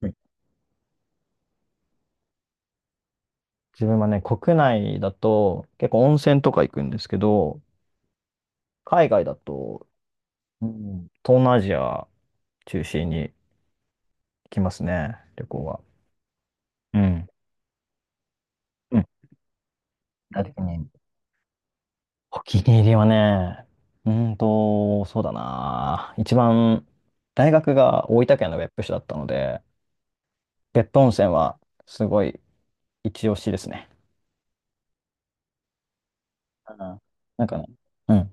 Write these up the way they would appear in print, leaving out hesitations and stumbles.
うん。自分はね、国内だと結構温泉とか行くんですけど、海外だと、うん、東南アジア中心に行きますね、旅行は。うん。うん、具体的に。お気に入りはね、そうだな。一番、大学が大分県の別府市だったので、別府温泉はすごい一押しですね。うん、なんかね。うん。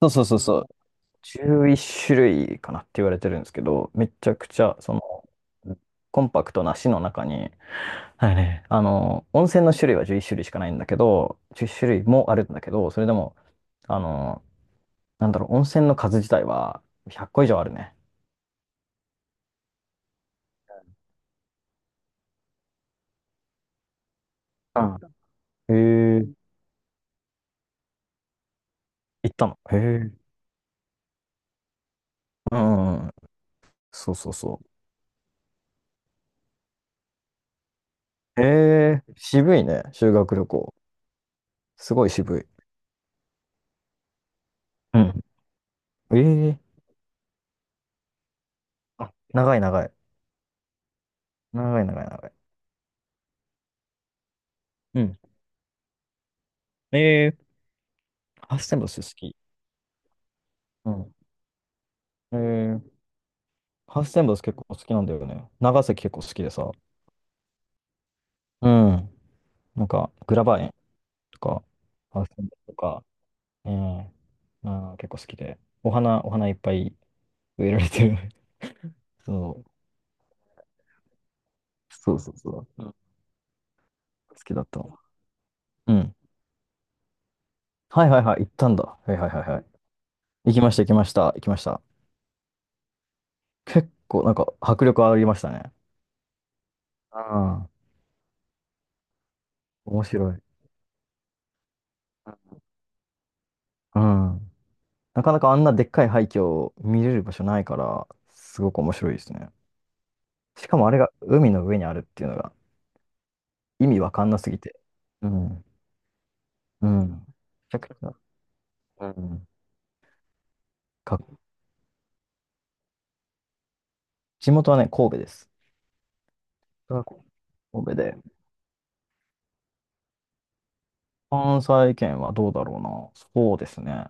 そうそうそうそう。11種類かなって言われてるんですけど、めちゃくちゃ、コンパクトな市の中に、はいね、温泉の種類は11種類しかないんだけど、10種類もあるんだけど、それでも、あの、温泉の数自体は100個以上あるね。うん。へえ、行ったの。へえ。うんうんうん。そうそうそう。へえ、渋いね、修学旅行。すごい渋い。うん。ええ。あ、長い長い。長い長い長い。うん。ええ、ハッセンボス好き。うん。えー、ハウステンボス結構好きなんだよね。長崎結構好きでさ。うん。なんか、グラバー園とか、ハウステンボスとか、うん。ああ、結構好きで。お花いっぱい植えられてる。そう。そうそうそう。うん、好きだったわ。うん。はいはいはい、行ったんだ。はいはいはいはい。行きました、行きました、行きました。結構、なんか、迫力ありましたね。うん、面白い。うん。なかなかあんなでっかい廃墟を見れる場所ないから、すごく面白いですね。しかもあれが海の上にあるっていうのが意味わかんなすぎて。うん。うん。めちゃくちゃ。うん。か、地元はね、神戸です。神戸で。関西圏はどうだろうな。そうですね。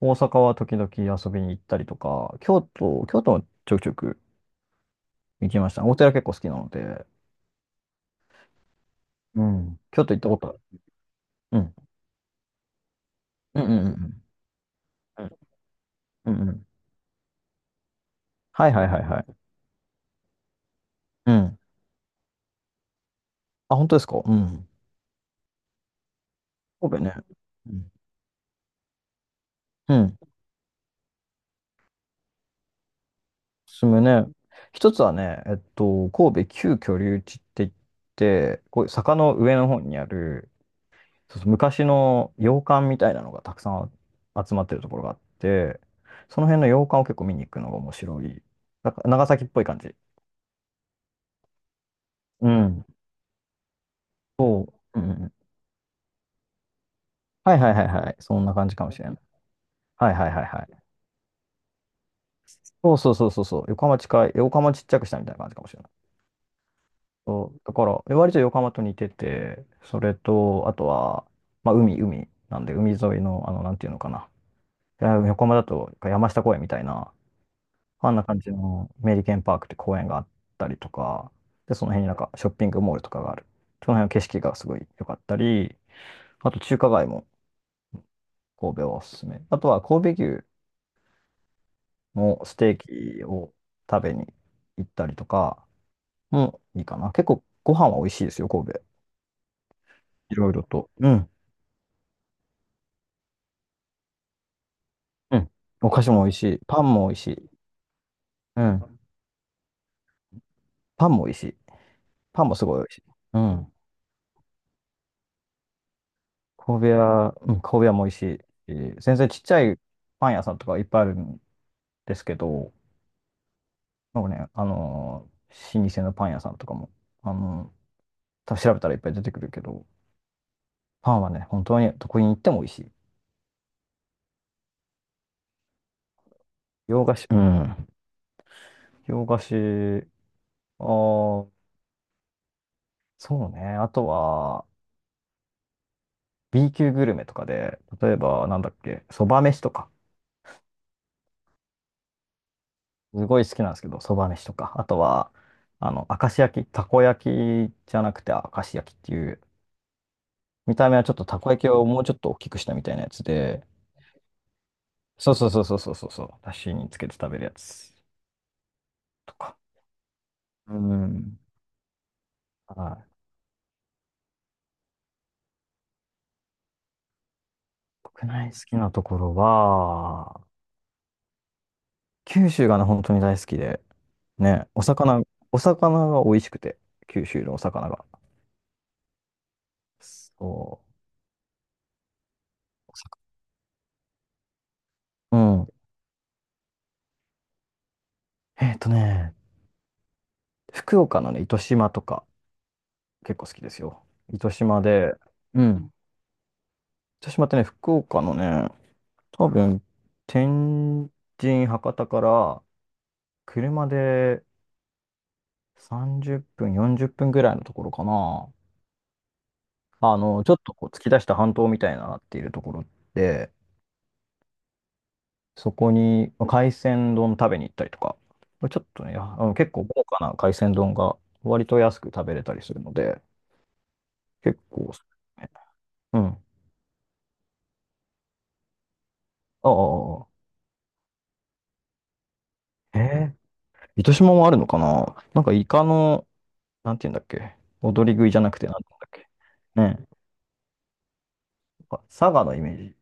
大阪は時々遊びに行ったりとか、京都もちょくちょく行きました。お寺結構好きなので、うん。京都行ったことある。うん。うんうんうんうん。うんうんうん。はいはいはいはい。うん。あ、本当ですか。うん。神戸ね。うん。うん、おすすめね。一つはね、神戸旧居留地って言って、こういう坂の上の方にある、そうそう、昔の洋館みたいなのがたくさん集まってるところがあって、その辺の洋館を結構見に行くのが面白い。なんか長崎っぽい感じ。うん。そう。うんうん。はいはいはいはい。そんな感じかもしれない。はいはいはいはい。そうそうそうそうそう。横浜近い、横浜ちっちゃくしたみたいな感じかもしれない。そう、だから、割と横浜と似てて、それと、あとは、まあ、海なんで、海沿いの、なんていうのかな。いや、横浜だと、山下公園みたいな、あんな感じのメリケンパークって公園があったりとか、で、その辺になんかショッピングモールとかがある。その辺の景色がすごい良かったり、あと中華街も神戸はおすすめ。あとは神戸牛のステーキを食べに行ったりとかもいいかな。結構ご飯は美味しいですよ、神戸。いろいろと。うんうん。お菓子も美味しい。パンも美味しい。うん。パンも美味しい。パンもすごい美味しい。うん。神戸屋、うん、神戸屋も美味しいし。全然ちっちゃいパン屋さんとかいっぱいあるんですけど、なんかね、老舗のパン屋さんとかも、あのー多分調べたらいっぱい出てくるけど、パンはね、本当にどこに行っても美味しい。洋菓子、うん。洋菓子、あーそうね。あとは、B 級グルメとかで、例えば、なんだっけ、そば飯とか。すごい好きなんですけど、そば飯とか、あとは、明石焼き、たこ焼きじゃなくて明石焼きっていう、見た目はちょっとたこ焼きをもうちょっと大きくしたみたいなやつで、そうそうそうそうそうそうそう、だしにつけて食べるやつとか。うん。はい。国内好きなところは、九州がね、本当に大好きで、ね、お魚が美味しくて、九州のお魚が。そう。お魚、うん。えっとね、福岡のね、糸島とか、結構好きですよ。糸島で、うん。糸島ってね、福岡のね、多分、天神、博多から車で30分、40分ぐらいのところかな。ちょっとこう突き出した半島みたいになっているところで、そこにまあ海鮮丼食べに行ったりとか、これちょっとね、結構豪華な海鮮丼が割と安く食べれたりするので、結構おすすめ、うん。ああ、ああああ、糸島もあるのかな、なんかイカの、なんて言うんだっけ、踊り食いじゃなくて、なんて言うんだっけねえ。なんか佐賀のイメージ。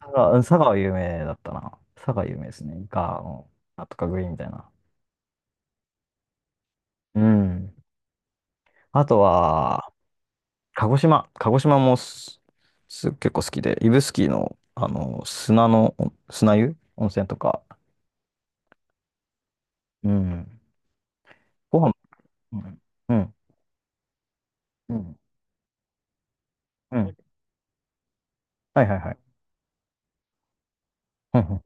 佐賀、うん、佐賀は有名だったな。佐賀有名ですね。イカの、なんとか食いみたいな。うん。あとは、鹿児島。鹿児島も結構好きで、指宿の、砂の、砂湯温泉とか。うん。ご飯、うん。うん。うん。うん、はいはいはい。うん。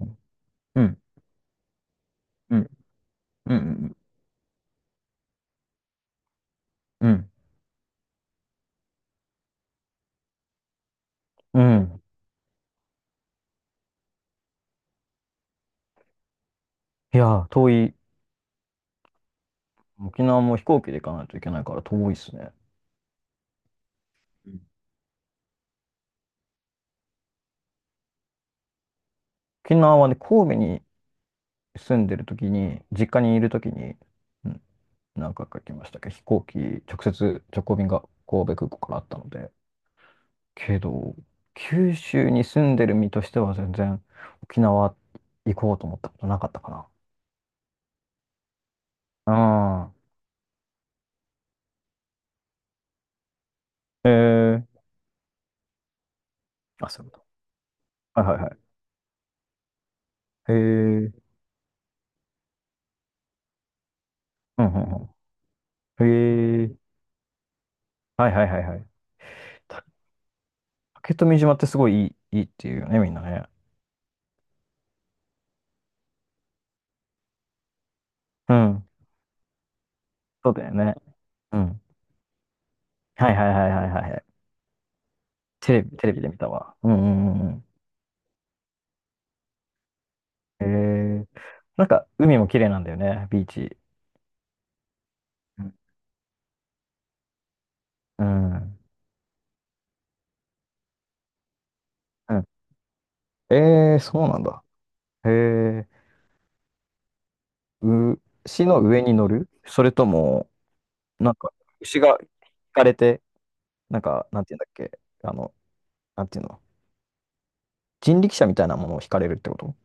うん。うん。うん。うん。うん。うんうん、いやー、遠い。沖縄も飛行機で行かないといけないから遠いっすね。うん、沖縄はね、神戸に住んでる時に、実家にいる時に、うん、何回か行きましたけど、飛行機、直接直行便が神戸空港からあったので。けど、九州に住んでる身としては全然沖縄行こうと思ったことなかったかな。うん。へえー、あ、そういうこと。はいはいはい。へえ、うんうんうん。へえ、はいはいはいはい。竹富島ってすごいいい、いいっていうよね、みんなね。うん。そうだよね。うん。はいはいはいはいはいはい。テレビで見たわ。うんうんうんうん。えー、なんか海も綺麗なんだよね、ビーチ。うん。うん。えー、そうなんだ。へえ、牛の上に乗るそれとも、なんか、牛が引かれて、なんか、なんていうんだっけ、なんていうの、人力車みたいなものを引かれるってこと。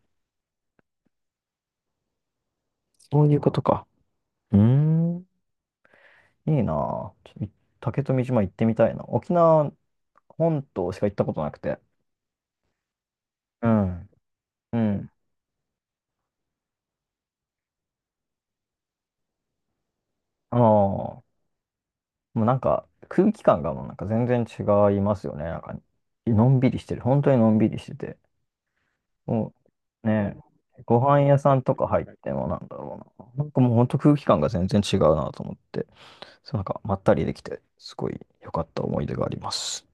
そういうことか。うーん、いいなあ、ちょっと、竹富島行ってみたいな。沖縄本島しか行ったことなくて。うん。うん。ああ、もうなんか空気感がもうなんか全然違いますよね。なんか、のんびりしてる。本当にのんびりしてて。もうね、ご飯屋さんとか入ってもなんだろうな。なんかもう本当空気感が全然違うなと思って、そうなんかまったりできて、すごい良かった思い出があります。